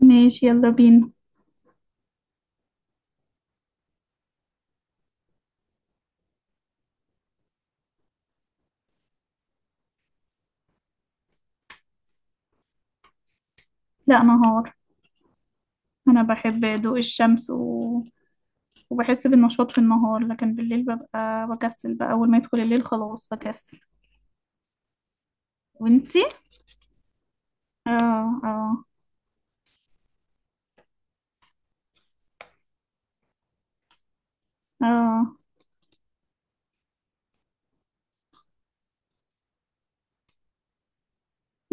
ماشي، يلا بينا. لا، نهار. انا بحب ضوء الشمس و... وبحس بالنشاط في النهار، لكن بالليل ببقى بكسل، بقى اول ما يدخل الليل خلاص بكسل. وانتي؟ اه. اه. اه.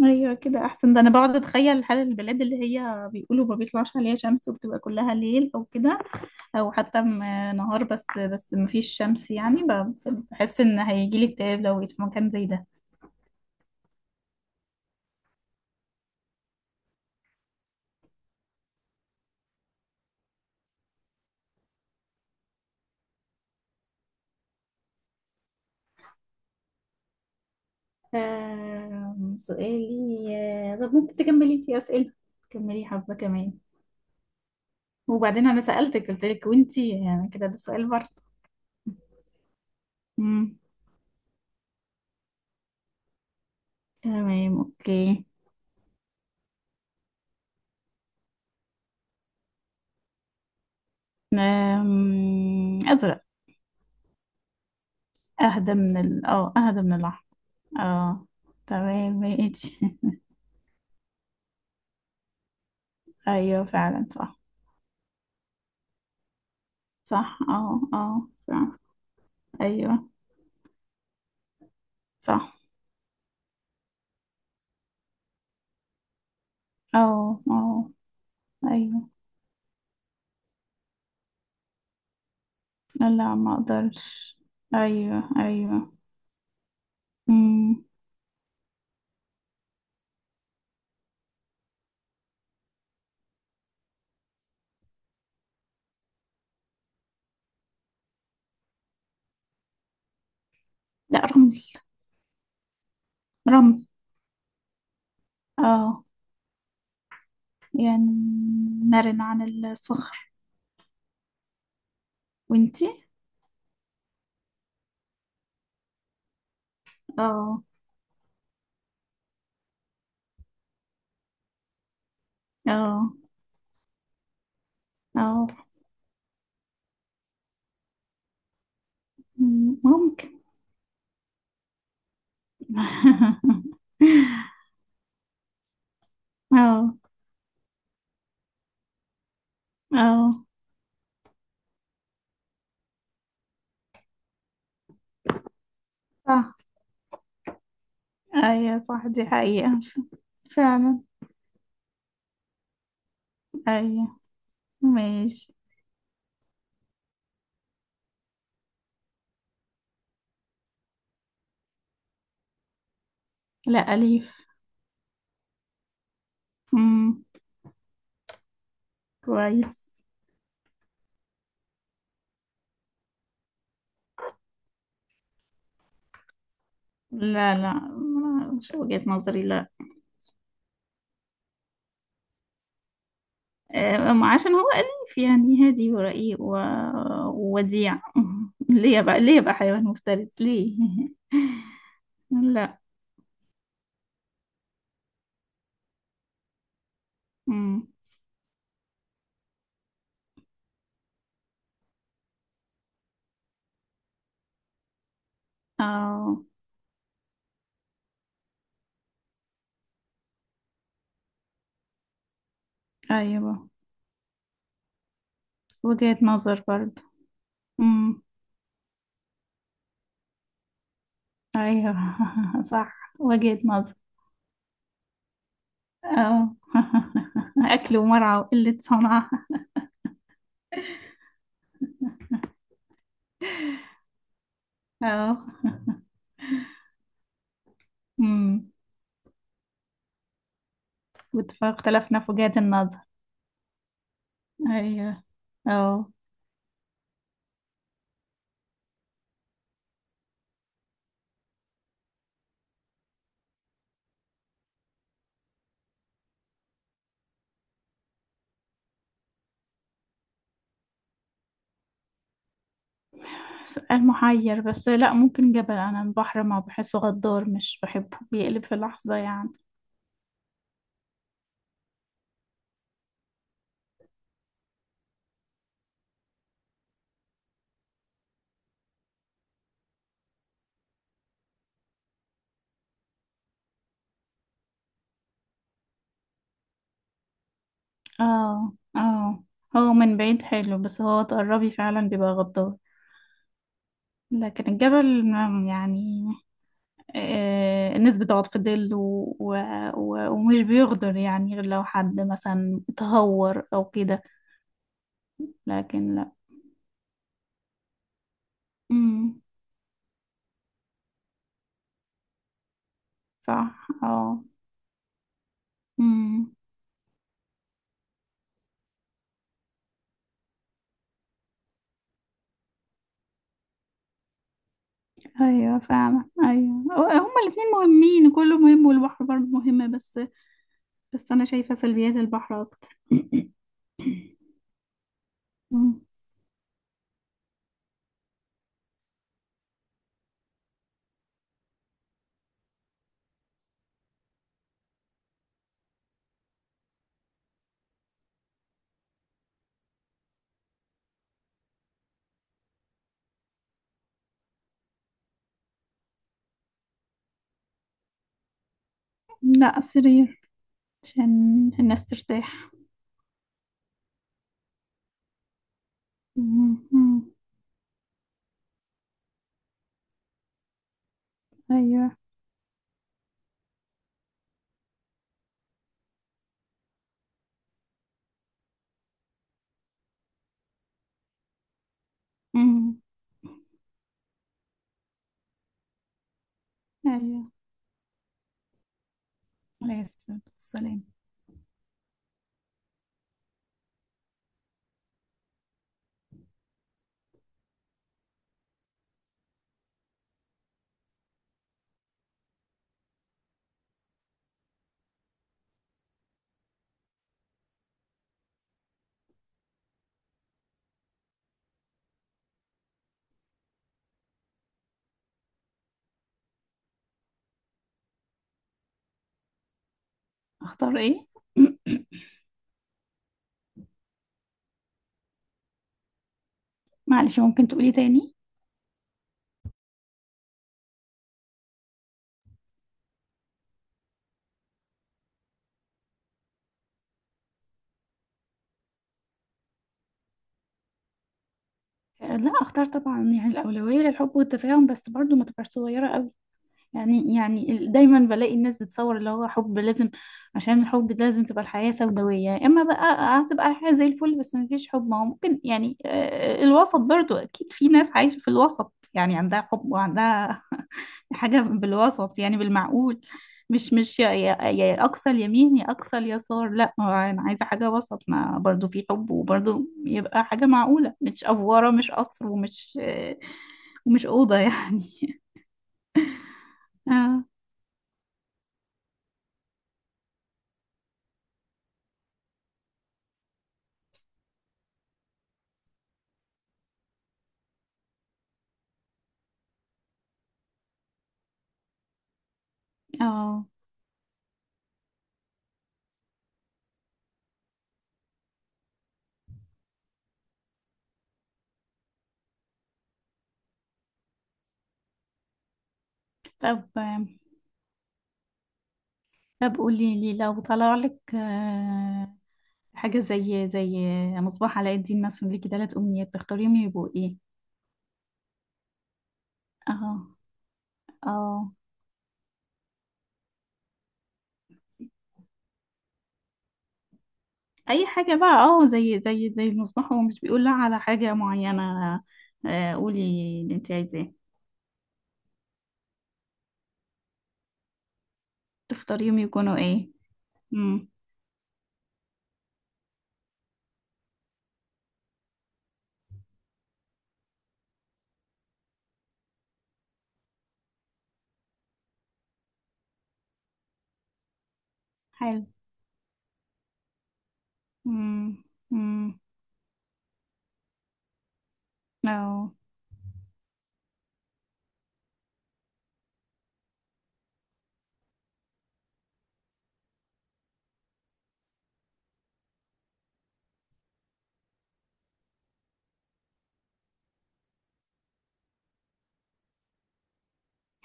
ايوه كده احسن، ده انا بقعد اتخيل حال البلاد اللي هي بيقولوا ما بيطلعش عليها شمس وبتبقى كلها ليل او كده. او حتى نهار بس، بس ما فيش شمس، يعني بحس ان هيجيلي اكتئاب لو بقيت في مكان زي ده. آه، سؤالي. آه، طب ممكن تكملي انتي أسئلة، تكملي حبة كمان. وبعدين أنا سألتك قلت لك وانتي، يعني كده ده سؤال برضه. مم. تمام، أوكي. أزرق. أهدى من الأحمر. اه. تمام، ماشي. أيوه فعلا، صح. صح، صح. أيوه. صح. اه. اه. أيوه. لا، ما أقدرش. أيوه، أيوه. مم. لا، رمل. رمل. اه. يعني مرن عن الصخر. وانتي؟ اه. اه. اه. ممكن. اه، اه، صح. ايوه صح، دي حقيقة. فعلا، ايوه. ماشي. لا، أليف. امم. كويس. لا، لا، مش وجهة نظري، لا. آه، ما عشان هو أليف، يعني هادي ورقيق و... ووديع. ليه بقى، ليه بقى حيوان مفترس ليه؟ لا. امم. اه. أيوة. وجهة نظر برضه. امم. أيوة. صح، وجهة نظر. اه. أكل ومرعى وقلة صنعة. اه. امم. اختلفنا في وجهات النظر. أيوة. اه. سؤال محير، بس لا، ممكن جبل. أنا البحر ما بحسه غدار، مش بحبه بيقلب في لحظة يعني. اه، اه. هو من بعيد حلو، بس هو تقربي فعلا بيبقى غدار. لكن الجبل يعني نسبة ضغط في الظل و... و... و... ومش بيغدر، يعني غير لو حد مثلا تهور أو كده. لكن لا. امم. صح، اه. امم. ايوه فعلا ايوه. هما الاتنين مهمين، كله مهم، والبحر برضه مهمة بس. بس انا شايفة سلبيات البحر اكتر. أمم. لا، السرير، عشان الناس ترتاح. أمم. أمم. ايوه. أمم. ايوه. عليه الصلاة والسلام. اختار ايه؟ معلش، ممكن تقولي تاني؟ آه، لا، اختار طبعا، يعني الأولوية للحب والتفاهم، بس برضو ما تبقاش صغيرة. دايما بلاقي الناس بتصور اللي هو حب لازم، عشان الحب ده لازم تبقى الحياة سوداوية، اما بقى هتبقى الحياة زي الفل بس مفيش حب. ما هو ممكن يعني الوسط برضو، اكيد في ناس عايشة في الوسط، يعني عندها حب وعندها حاجة بالوسط، يعني بالمعقول. مش يا اقصى اليمين، يا اقصى اليسار، لا، هو انا عايزة حاجة وسط، ما برضو في حب وبرضو يبقى حاجة معقولة، مش افورة مش قصر ومش ومش أوضة يعني. اه. اه. طب طب قولي لي لو طلع لك حاجة زي مصباح علاء الدين، مثلا ليكي تلات أمنيات، تختاريهم يبقوا ايه؟ اه. اه. أي حاجة بقى، زي المصباح، هو مش بيقول لا على حاجة معينة. آه، قولي اللي انت عايزاه، تختاريهم يكونوا ايه؟ امم. حلو. امم. امم. اه.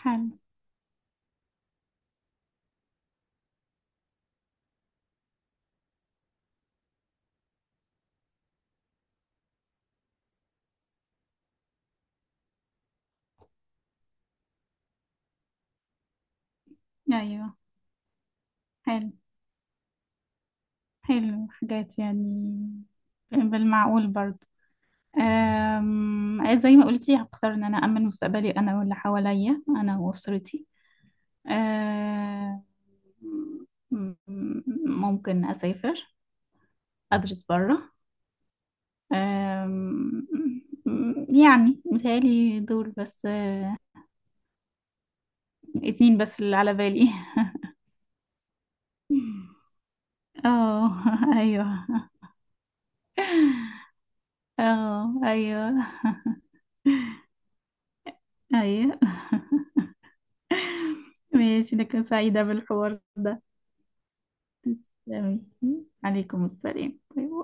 حلو. أيوه. حلو، حلو حاجات يعني بالمعقول برضه. زي ما قلتي هختار ان انا امن مستقبلي، انا واللي حواليا انا واسرتي. أم، ممكن اسافر، ادرس بره. أم، يعني متهيألي دول بس، اتنين بس اللي على بالي. اه، ايوه. اه، ايوه، ايوه. ماشي، انا كنت سعيدة بالحوار ده. تمام. عليكم السلام. باي باي.